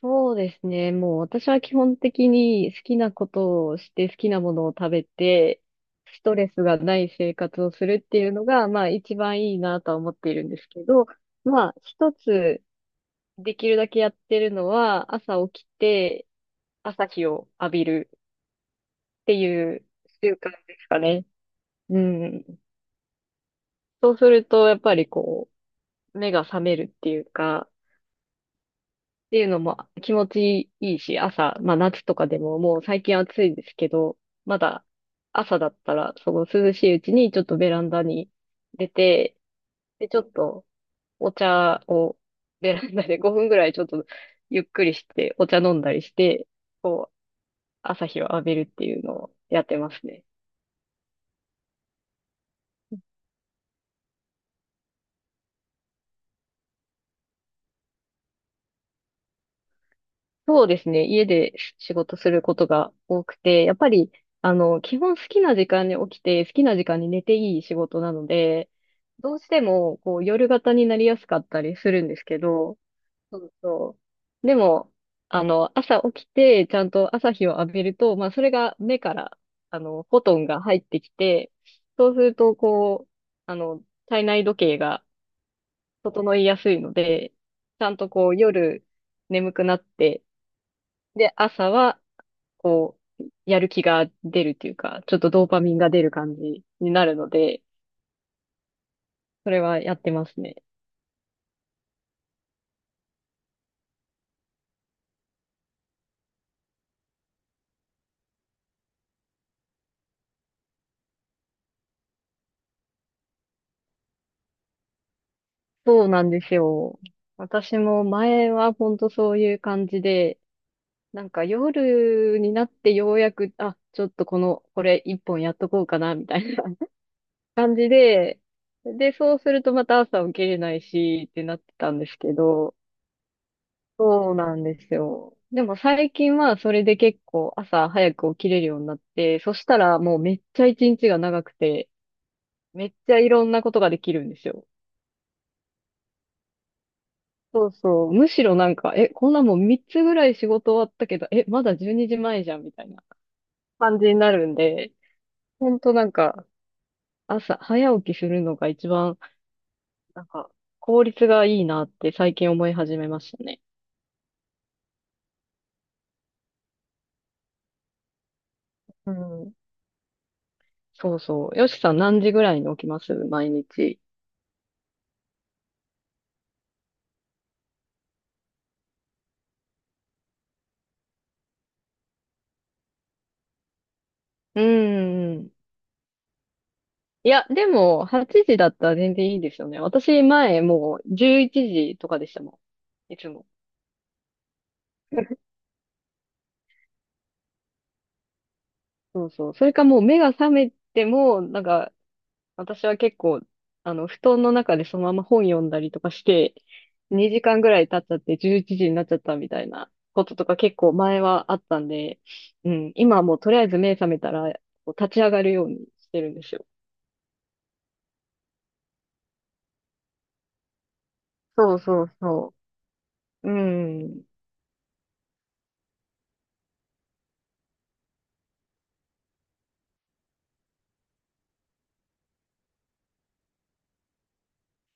そうですね。もう私は基本的に好きなことをして好きなものを食べて、ストレスがない生活をするっていうのが、まあ一番いいなとは思っているんですけど、まあ一つできるだけやってるのは、朝起きて朝日を浴びるっていう習慣ですかね。うん。そうすると、やっぱりこう、目が覚めるっていうか、っていうのも気持ちいいし、朝、まあ夏とかでももう最近暑いですけど、まだ朝だったら、その涼しいうちにちょっとベランダに出て、で、ちょっとお茶をベランダで5分ぐらいちょっとゆっくりして、お茶飲んだりして、こう、朝日を浴びるっていうのをやってますね。そうですね。家で仕事することが多くて、やっぱり、基本好きな時間に起きて、好きな時間に寝ていい仕事なので、どうしても、こう、夜型になりやすかったりするんですけど、そうそう。でも、朝起きて、ちゃんと朝日を浴びると、まあ、それが目から、フォトンが入ってきて、そうすると、こう、体内時計が整いやすいので、ちゃんとこう、夜眠くなって、で、朝はこう、やる気が出るっていうか、ちょっとドーパミンが出る感じになるので、それはやってますね。そうなんですよ。私も前は本当そういう感じで、なんか夜になってようやく、あ、ちょっとこれ一本やっとこうかな、みたいな 感じで、で、そうするとまた朝起きれないし、ってなってたんですけど、そうなんですよ。でも最近はそれで結構朝早く起きれるようになって、そしたらもうめっちゃ一日が長くて、めっちゃいろんなことができるんですよ。そうそう。むしろなんか、え、こんなもう3つぐらい仕事終わったけど、え、まだ12時前じまえじゃんみたいな感じになるんで、ほんとなんか朝早起きするのが一番なんか効率がいいなって最近思い始めましたね。うん。そうそう。よしさん何時ぐらいに起きます毎日？うんうん。いや、でも、8時だったら全然いいですよね。私、前、もう、11時とかでしたもん。いつも。そうそう。それかもう、目が覚めても、なんか、私は結構、布団の中でそのまま本読んだりとかして、2時間ぐらい経っちゃって11時になっちゃったみたいなこととか結構前はあったんで、うん、今はもうとりあえず目覚めたら、こう立ち上がるようにしてるんですよ。そうそうそう。うん、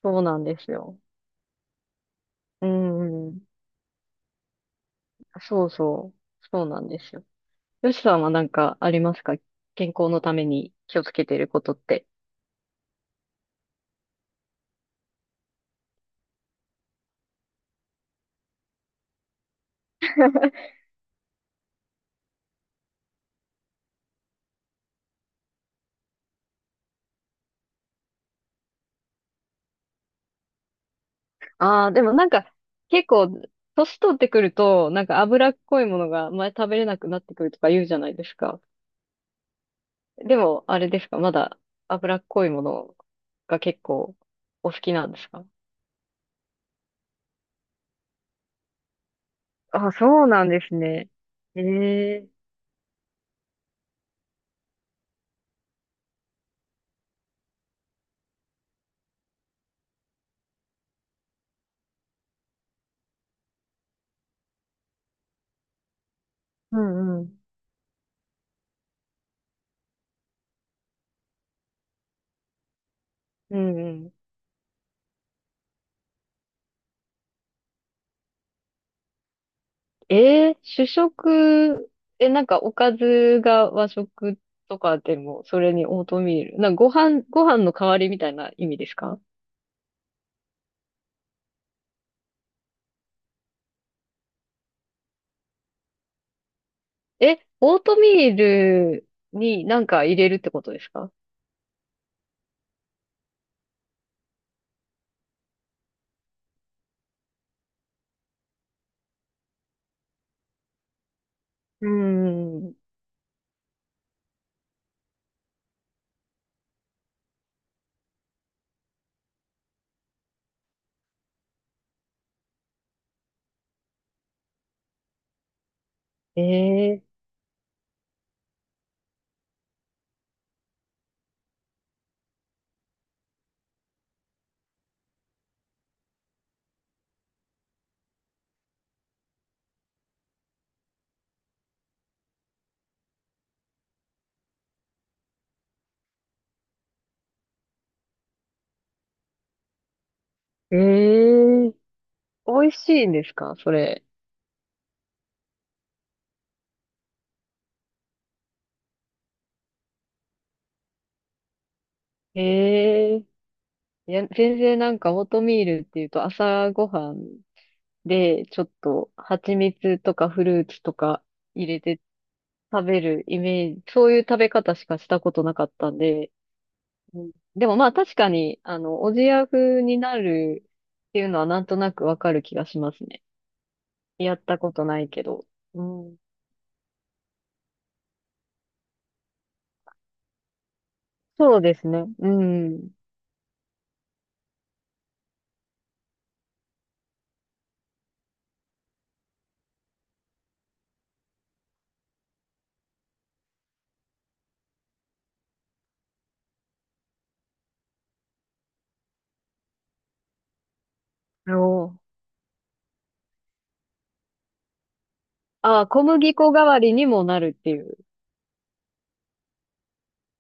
そうなんですよ。うん。そうそう。そうなんですよ。よしさんはなんかありますか？健康のために気をつけていることって。ああ、でもなんか結構、年取ってくると、なんか脂っこいものが前食べれなくなってくるとか言うじゃないですか。でも、あれですか？まだ脂っこいものが結構お好きなんですか？あ、そうなんですね。ええ。うんうん。うん主食、え、なんかおかずが和食とかでも、それにオートミール。なんかご飯の代わりみたいな意味ですか？え、オートミールになんか入れるってことですか？うーん。えー、えー、美味しいんですかそれ？えー、いや、全然なんかオートミールっていうと朝ごはんで、ちょっと蜂蜜とかフルーツとか、入れて食べるイメージ、そういう食べ方しかしたことなかったんで、うんでもまあ確かに、おじや風になるっていうのはなんとなくわかる気がしますね。やったことないけど。うん、そうですね。うん。おーあー、小麦粉代わりにもなるっていう。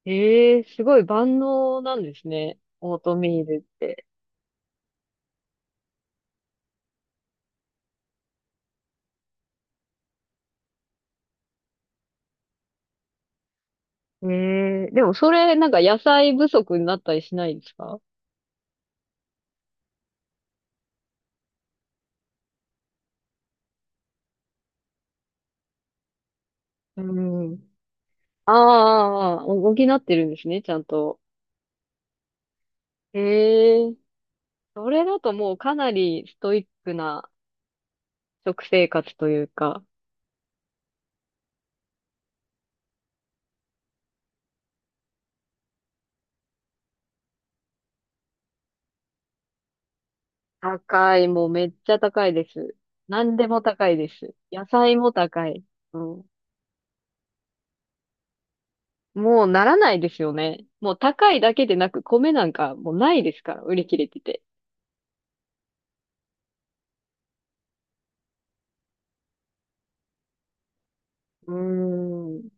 ええすごい万能なんですね。オートミールって。ええでもそれなんか野菜不足になったりしないですか？うん。あーあー、あー補ってるんですね、ちゃんと。ええそれだともうかなりストイックな食生活というか、高い、もうめっちゃ高いです。何でも高いです。野菜も高い。うん。もうならないですよね。もう高いだけでなく、米なんかもうないですから、売り切れてて。うーん。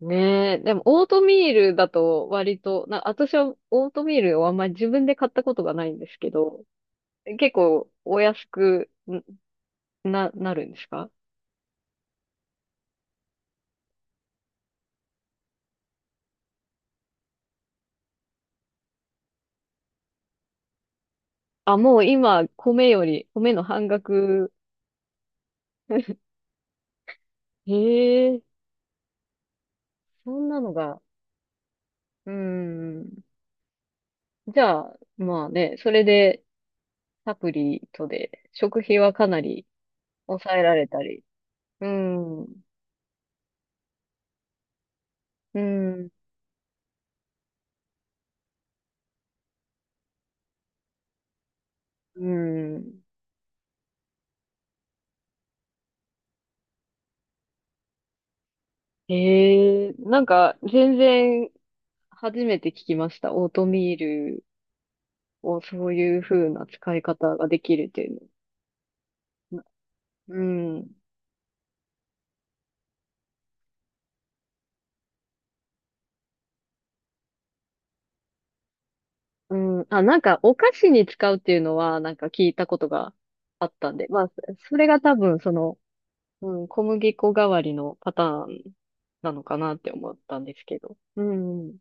ねえ。でも、オートミールだと割と、私はオートミールをあんまり自分で買ったことがないんですけど、結構お安くんなるんですか？あ、もう今、米より、米の半額。へえ、そんなのが。うーん。じゃあ、まあね、それで、サプリとで、食費はかなり抑えられたり。うーん。うーん。うーん。へえ、なんか、全然、初めて聞きました。オートミールをそういう風な使い方ができるっていうの。うーん。うん、あ、なんか、お菓子に使うっていうのは、なんか聞いたことがあったんで、まあ、それが多分、うん、小麦粉代わりのパターンなのかなって思ったんですけど。うん。